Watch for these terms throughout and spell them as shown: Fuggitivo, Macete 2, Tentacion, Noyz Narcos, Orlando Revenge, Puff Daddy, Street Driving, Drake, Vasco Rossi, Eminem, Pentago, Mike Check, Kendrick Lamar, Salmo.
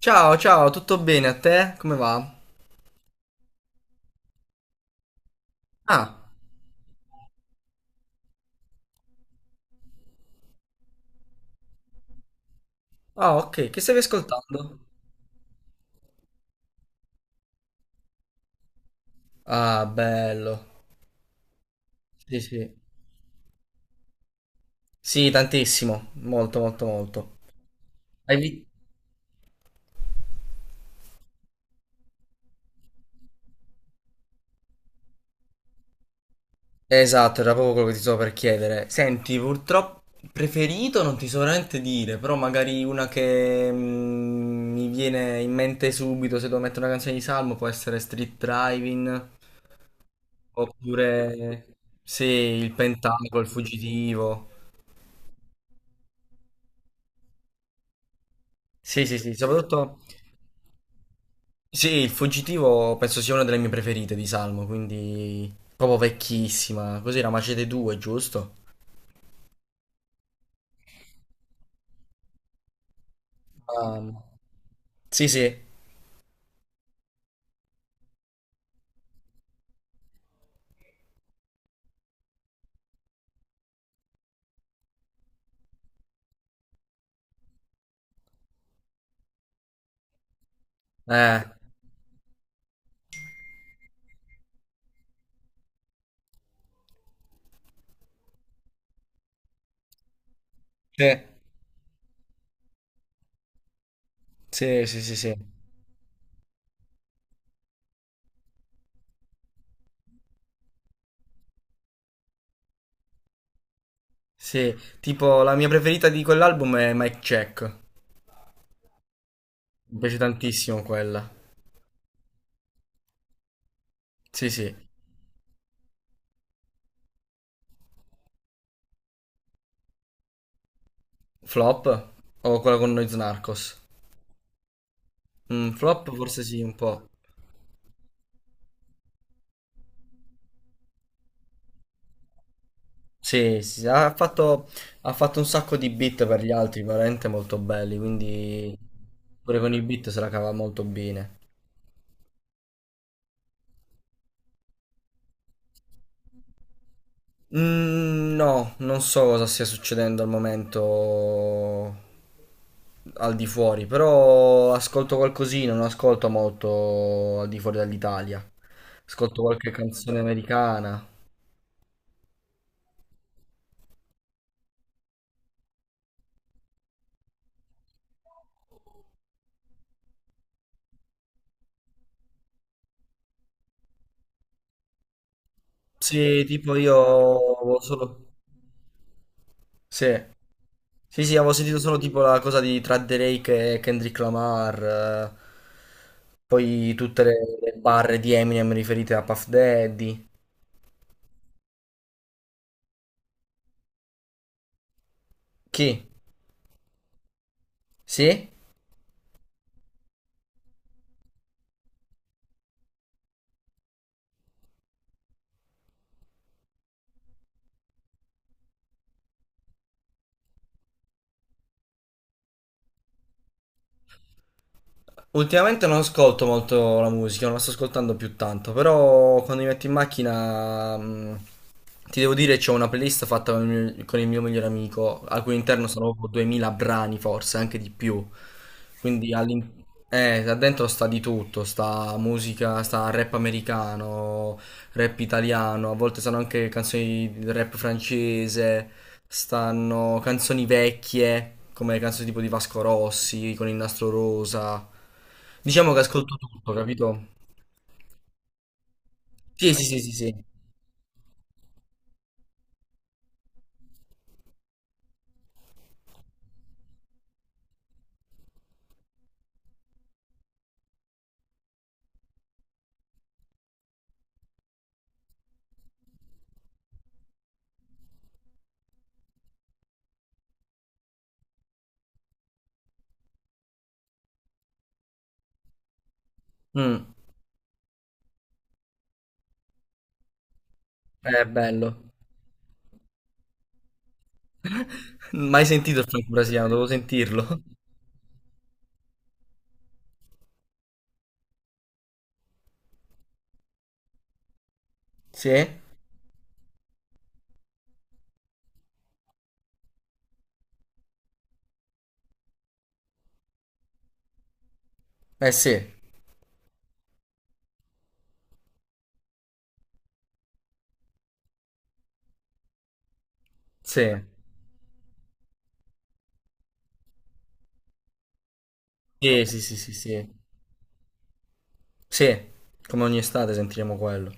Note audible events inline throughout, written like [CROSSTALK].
Ciao, ciao, tutto bene a te? Come va? Ah, ah, ok, che stavi ascoltando? Ah, bello. Sì, sì. Sì, tantissimo, molto, molto, molto. Hai vi- esatto, era proprio quello che ti stavo per chiedere. Senti, purtroppo preferito non ti so veramente dire, però magari una che mi viene in mente subito se devo mettere una canzone di Salmo può essere Street Driving, oppure sì, il Pentago, il Fuggitivo. Sì, sì, sì, soprattutto... Sì, il fuggitivo penso sia una delle mie preferite di Salmo, quindi proprio vecchissima. Cos'era Macete 2, giusto? Um, sì, sì. Eh, sì, sì, sì, sì, sì. Sì, tipo la mia preferita di quell'album è Mike Check. Mi piace tantissimo quella. Sì, sì. Flop o quella con Noyz Narcos? Mm, flop forse sì, un po'. Sì, sì, sì, ha fatto un sacco di beat per gli altri, veramente molto belli, quindi pure con i beat se la cava molto bene. Mm, no, non so cosa stia succedendo al momento al di fuori, però ascolto qualcosina, non ascolto molto al di fuori dall'Italia. Ascolto qualche canzone americana. Sì, tipo io solo... Sì. Sì, sì, avevo sentito solo tipo la cosa di tra Drake e Kendrick Lamar, poi tutte le barre di Eminem riferite a Puff Daddy. Chi? Sì? Ultimamente non ascolto molto la musica, non la sto ascoltando più tanto, però quando mi metto in macchina, ti devo dire, c'ho una playlist fatta con con il mio migliore amico, al cui interno sono proprio 2000 brani, forse anche di più. Quindi all'in- da dentro sta di tutto, sta musica, sta rap americano, rap italiano, a volte sono anche canzoni di rap francese, stanno canzoni vecchie, come canzoni tipo di Vasco Rossi, con il nastro rosa. Diciamo che ascolto tutto, capito? Sì, sì, sì, sì, sì. Mm, è bello. [LAUGHS] Mai sentito il franco brasiliano, devo sentirlo. Sì? Eh sì, sì. Sì, sì, sì, sì, sì. Sì, come ogni estate sentiremo quello.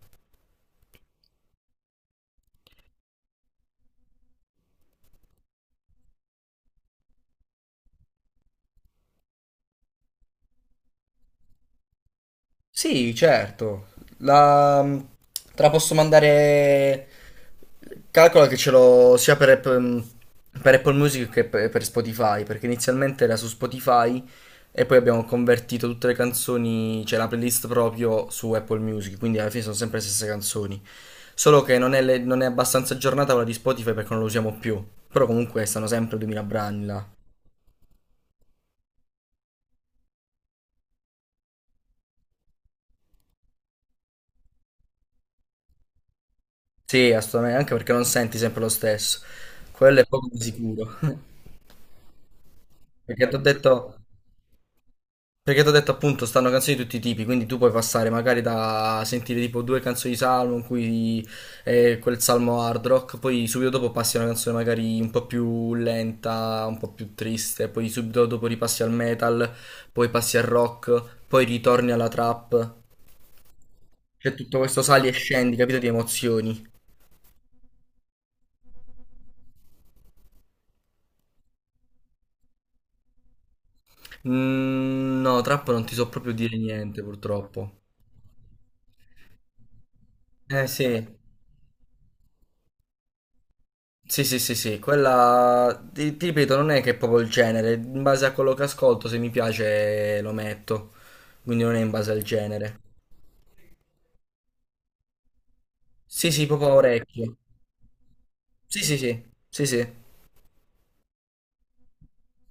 Sì, certo. La... mm, te la posso mandare. Calcola che ce l'ho sia per Apple Music che per Spotify, perché inizialmente era su Spotify e poi abbiamo convertito tutte le canzoni, cioè la playlist proprio su Apple Music, quindi alla fine sono sempre le stesse canzoni. Solo che non è abbastanza aggiornata quella di Spotify perché non lo usiamo più. Però comunque stanno sempre 2000 brani là. Sì, assolutamente, anche perché non senti sempre lo stesso. Quello è poco di sicuro. [LAUGHS] Perché ti ho detto, Perché t'ho detto appunto stanno canzoni di tutti i tipi, quindi tu puoi passare magari da sentire tipo due canzoni di Salmo in cui è quel Salmo hard rock, poi subito dopo passi a una canzone magari un po' più lenta, un po' più triste, poi subito dopo ripassi al metal, poi passi al rock, poi ritorni alla trap. C'è tutto questo sali e scendi, capito, di emozioni. Mm, no, trap non ti so proprio dire niente purtroppo. Eh sì. Sì, sì, sì, sì, quella ti ripeto, non è che è proprio il genere, in base a quello che ascolto, se mi piace lo metto, quindi non è in base al genere. Sì, sì, proprio a orecchio. Sì, sì, sì, sì, sì.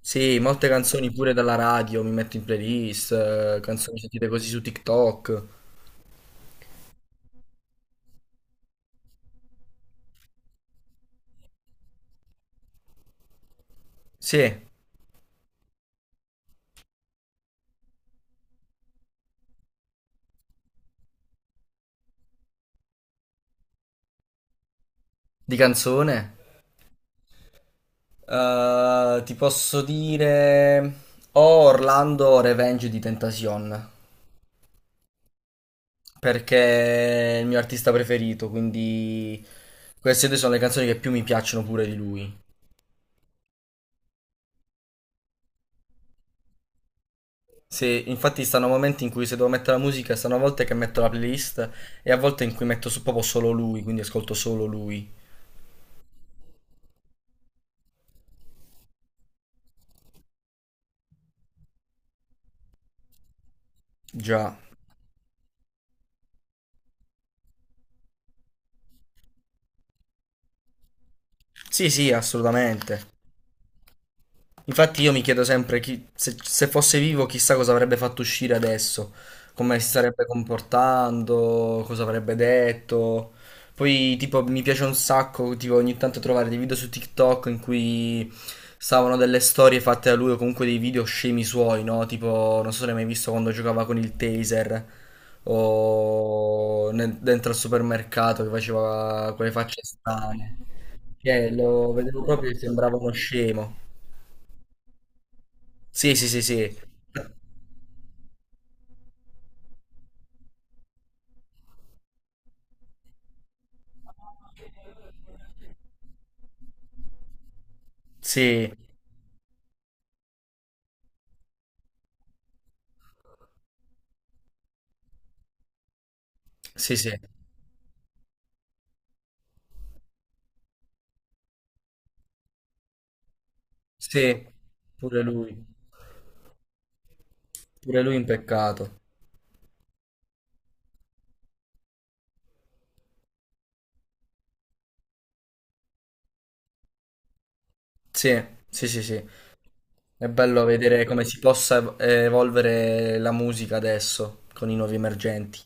Sì, molte canzoni pure dalla radio mi metto in playlist, canzoni sentite così su TikTok. Sì, di canzone. Ti posso dire... O Orlando Revenge di Tentacion, perché è il mio artista preferito, quindi queste due sono le canzoni che più mi piacciono pure di lui. Se, infatti stanno momenti in cui se devo mettere la musica, stanno a volte che metto la playlist e a volte in cui metto su- proprio solo lui, quindi ascolto solo lui. Già. Sì, sì, assolutamente. Infatti io mi chiedo sempre chi- se, se fosse vivo chissà cosa avrebbe fatto uscire adesso, come si sarebbe comportando, cosa avrebbe detto. Poi tipo mi piace un sacco tipo, ogni tanto trovare dei video su TikTok in cui stavano delle storie fatte da lui o comunque dei video scemi suoi, no? Tipo non so se l'hai mai visto quando giocava con il taser o nel- dentro al supermercato che faceva quelle facce strane. Cioè, lo vedevo proprio che sembrava uno scemo. Sì, sì, sì, sì. Sì, sì, sì. Sì, pure lui. Pure lui un peccato. Sì, sì, sì, sì. È bello vedere come si possa ev- evolvere la musica adesso con i nuovi emergenti.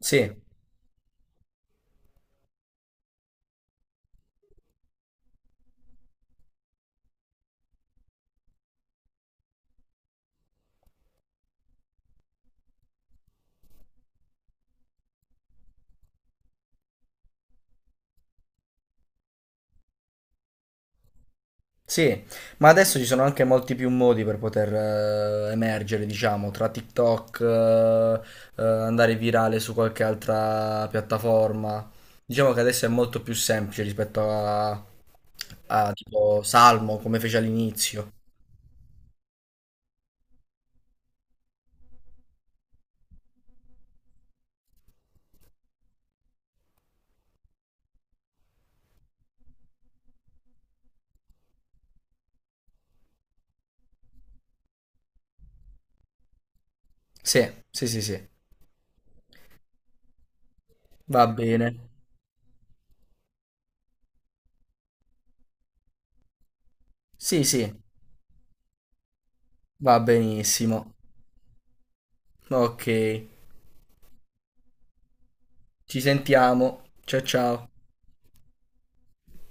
Sì, sì, ma adesso ci sono anche molti più modi per poter emergere, diciamo, tra TikTok, andare virale su qualche altra piattaforma. Diciamo che adesso è molto più semplice rispetto a tipo Salmo, come fece all'inizio. Sì, sì, sì, sì, va bene. Sì, sì, va benissimo. Ok, ci sentiamo. Ciao, ciao.